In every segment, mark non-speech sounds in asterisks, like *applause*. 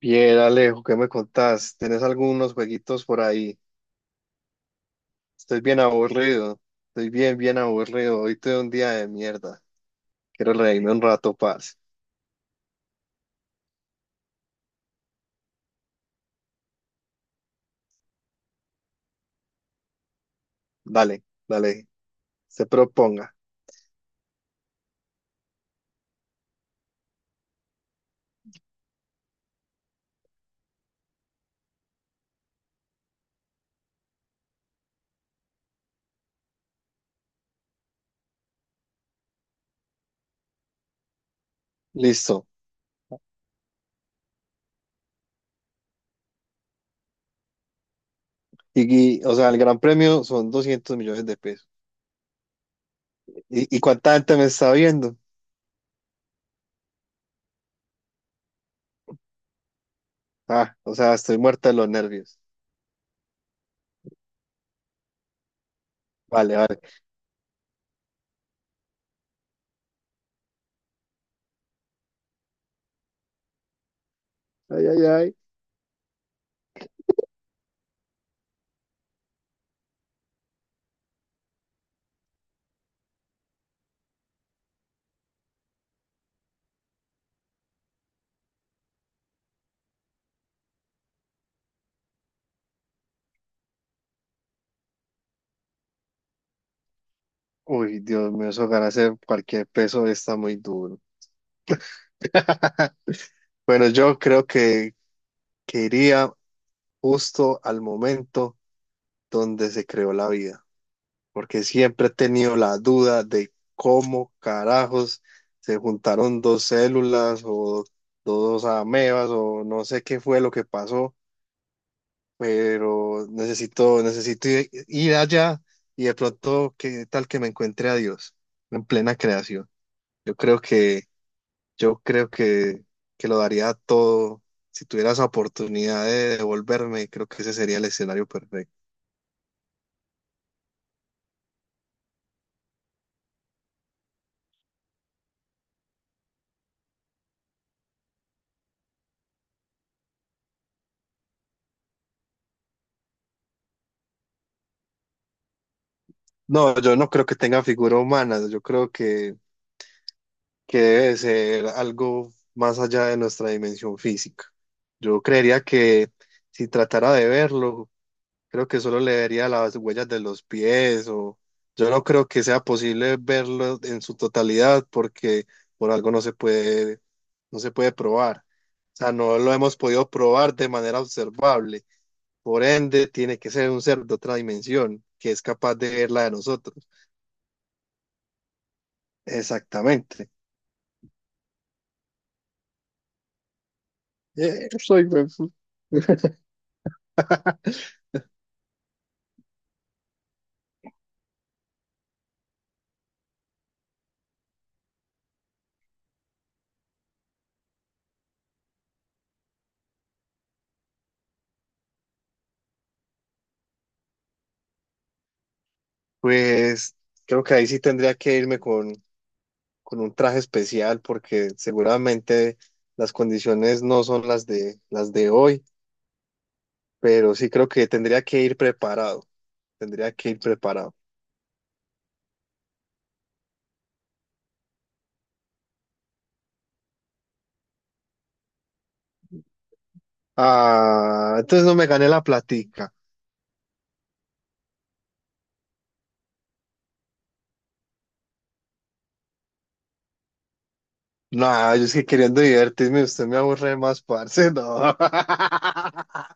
Bien, Alejo, ¿qué me contás? ¿Tenés algunos jueguitos por ahí? Estoy bien aburrido. Estoy bien, bien aburrido. Hoy tuve un día de mierda. Quiero reírme un rato, paz. Dale, dale. Se proponga. Listo. Y, o sea, el gran premio son 200 millones de pesos. ¿Y cuánta gente me está viendo? Ah, o sea, estoy muerto de los nervios. Vale, vale. Ay, ay, ay. Uy, Dios mío, eso ganarse cualquier peso está muy duro. Bueno, yo creo que iría justo al momento donde se creó la vida, porque siempre he tenido la duda de cómo carajos se juntaron dos células o dos amebas o no sé qué fue lo que pasó, pero necesito ir, ir allá y de pronto qué tal que me encuentre a Dios en plena creación. Yo creo que, yo creo que lo daría todo. Si tuviera esa oportunidad de devolverme, creo que ese sería el escenario perfecto. No, yo no creo que tenga figura humana, yo creo que debe ser algo más allá de nuestra dimensión física. Yo creería que si tratara de verlo, creo que solo le vería las huellas de los pies o yo no creo que sea posible verlo en su totalidad porque por algo no se puede probar. O sea, no lo hemos podido probar de manera observable. Por ende, tiene que ser un ser de otra dimensión que es capaz de ver la de nosotros. Exactamente. Eh, soy huefu- *laughs* Pues creo que ahí sí tendría que irme con un traje especial porque seguramente las condiciones no son las de hoy, pero sí creo que tendría que ir preparado. Ah, entonces no me gané la platica. No, yo es que queriendo divertirme, usted me aburre más, parce, no. *laughs*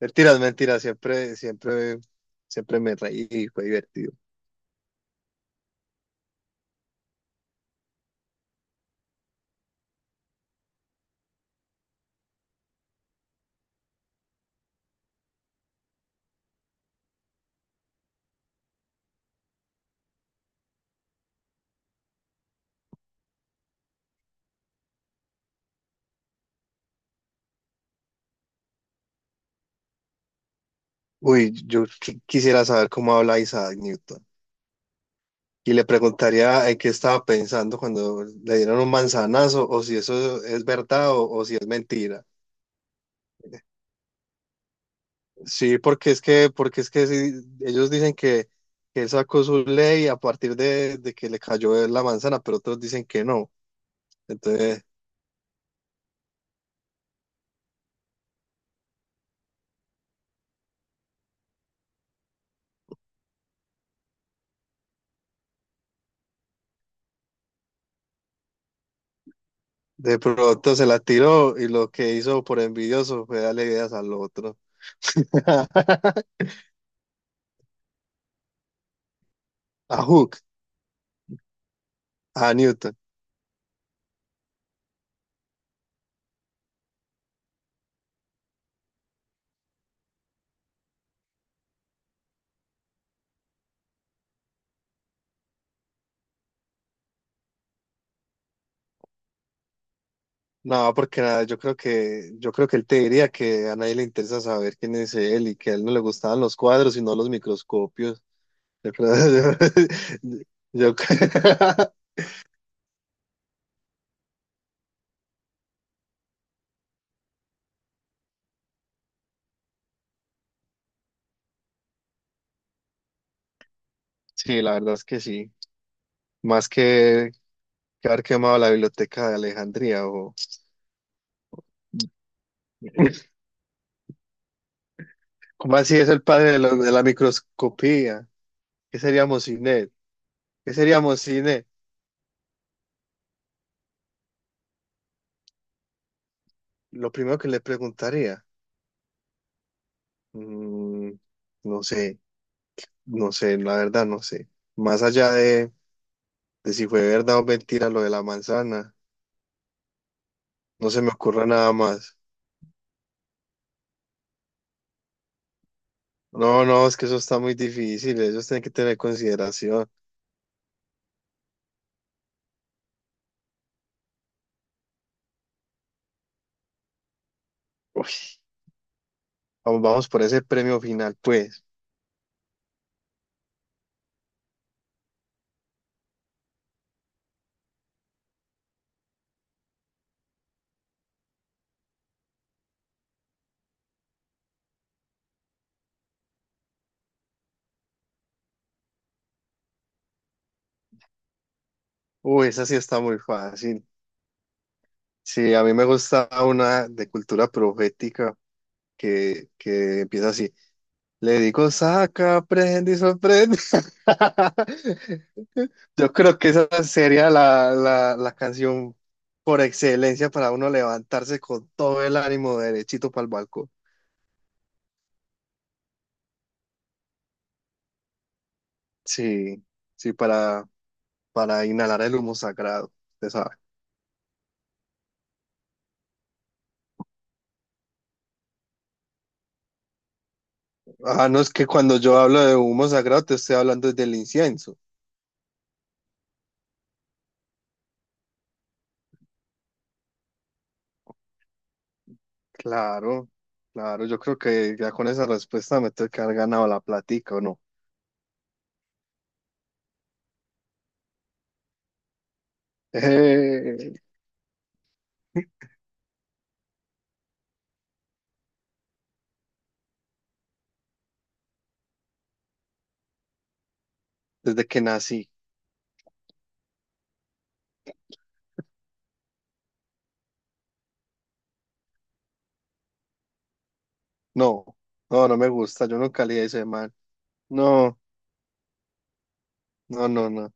Mentiras, mentiras, siempre, siempre, siempre me reí y fue divertido. Uy, yo quisiera saber cómo habla Isaac Newton. Y le preguntaría en qué estaba pensando cuando le dieron un manzanazo, o si eso es verdad o si es mentira. Sí, porque es que sí, ellos dicen que él sacó su ley a partir de que le cayó la manzana, pero otros dicen que no. Entonces, de pronto se la tiró y lo que hizo por envidioso fue darle ideas al otro. *laughs* A Hook, a Newton. No, porque nada, yo creo que él te diría que a nadie le interesa saber quién es él y que a él no le gustaban los cuadros, sino los microscopios. Yo creo, *laughs* yo- yo *laughs* sí, la verdad es que sí. Más que haber quemado la biblioteca de Alejandría o *laughs* ¿Cómo así es el padre de la microscopía? ¿Qué seríamos sin él? ¿Qué seríamos sin él? Lo primero que le preguntaría, mm, no sé, no sé, la verdad no sé. Más allá de si fue verdad o mentira lo de la manzana. No se me ocurre nada más. No, no, es que eso está muy difícil. Ellos tienen que tener consideración. Uy, vamos, vamos por ese premio final, pues. Uy, esa sí está muy fácil. Sí, a mí me gusta una de cultura profética que empieza así. Le digo, saca, prende y sorprende. *laughs* Yo creo que esa sería la canción por excelencia para uno levantarse con todo el ánimo derechito para el balcón. Sí, sí, para inhalar el humo sagrado, usted sabe. Ah, no, es que cuando yo hablo de humo sagrado te estoy hablando del incienso. Claro, claro, yo creo que ya con esa respuesta me tengo que haber ganado la platica, ¿o no? *laughs* Eh, desde que nací. No, no, no me gusta, yo nunca leí ese man. No, no, no, no.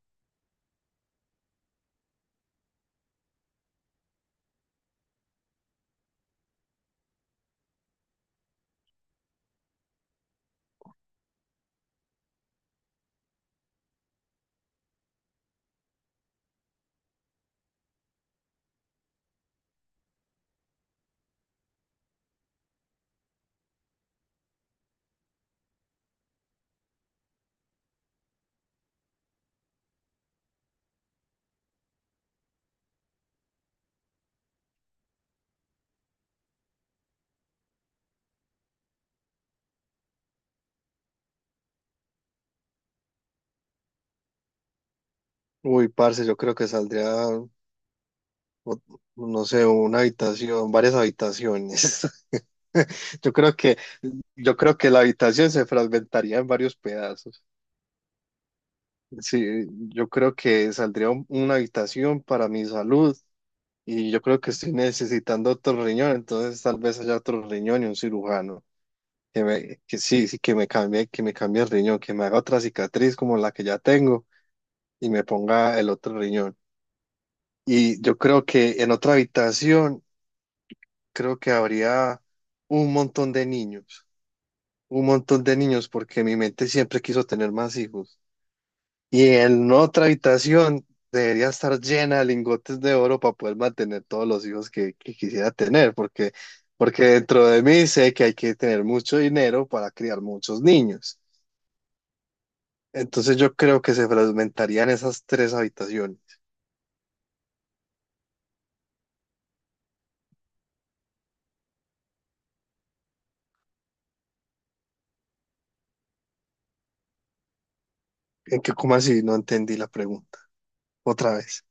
Uy, parce, yo creo que saldría, no sé, una habitación, varias habitaciones. *laughs* Yo creo que yo creo que la habitación se fragmentaría en varios pedazos. Sí, yo creo que saldría una habitación para mi salud y yo creo que estoy necesitando otro riñón, entonces tal vez haya otro riñón y un cirujano que sí, sí, que me cambie el riñón, que me haga otra cicatriz como la que ya tengo y me ponga el otro riñón. Y yo creo que en otra habitación creo que habría un montón de niños, un montón de niños porque mi mente siempre quiso tener más hijos. Y en otra habitación debería estar llena de lingotes de oro para poder mantener todos los hijos que quisiera tener, porque dentro de mí sé que hay que tener mucho dinero para criar muchos niños. Entonces yo creo que se fragmentarían esas tres habitaciones. ¿En qué, cómo así? No entendí la pregunta. Otra vez.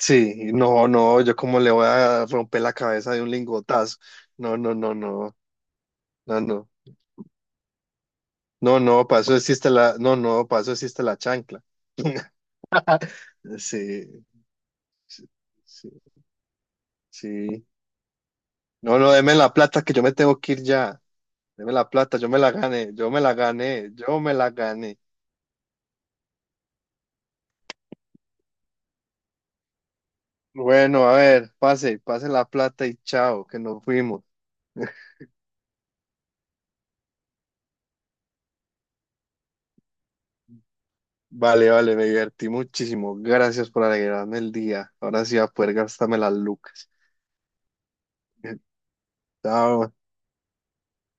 Sí, no, no, yo como le voy a romper la cabeza de un lingotazo. No, no, no, no, no, no. No, no, para eso existe la chancla. *laughs* Sí. Sí, sí, sí. No, no, deme la plata que yo me tengo que ir ya. Deme la plata, yo me la gané, yo me la gané, yo me la gané. Bueno, a ver, pase la plata y chao, que nos fuimos. *laughs* Vale, vale, me divertí muchísimo. Gracias por alegrarme el día. Ahora sí voy a poder gastarme las lucas. *laughs* Chao.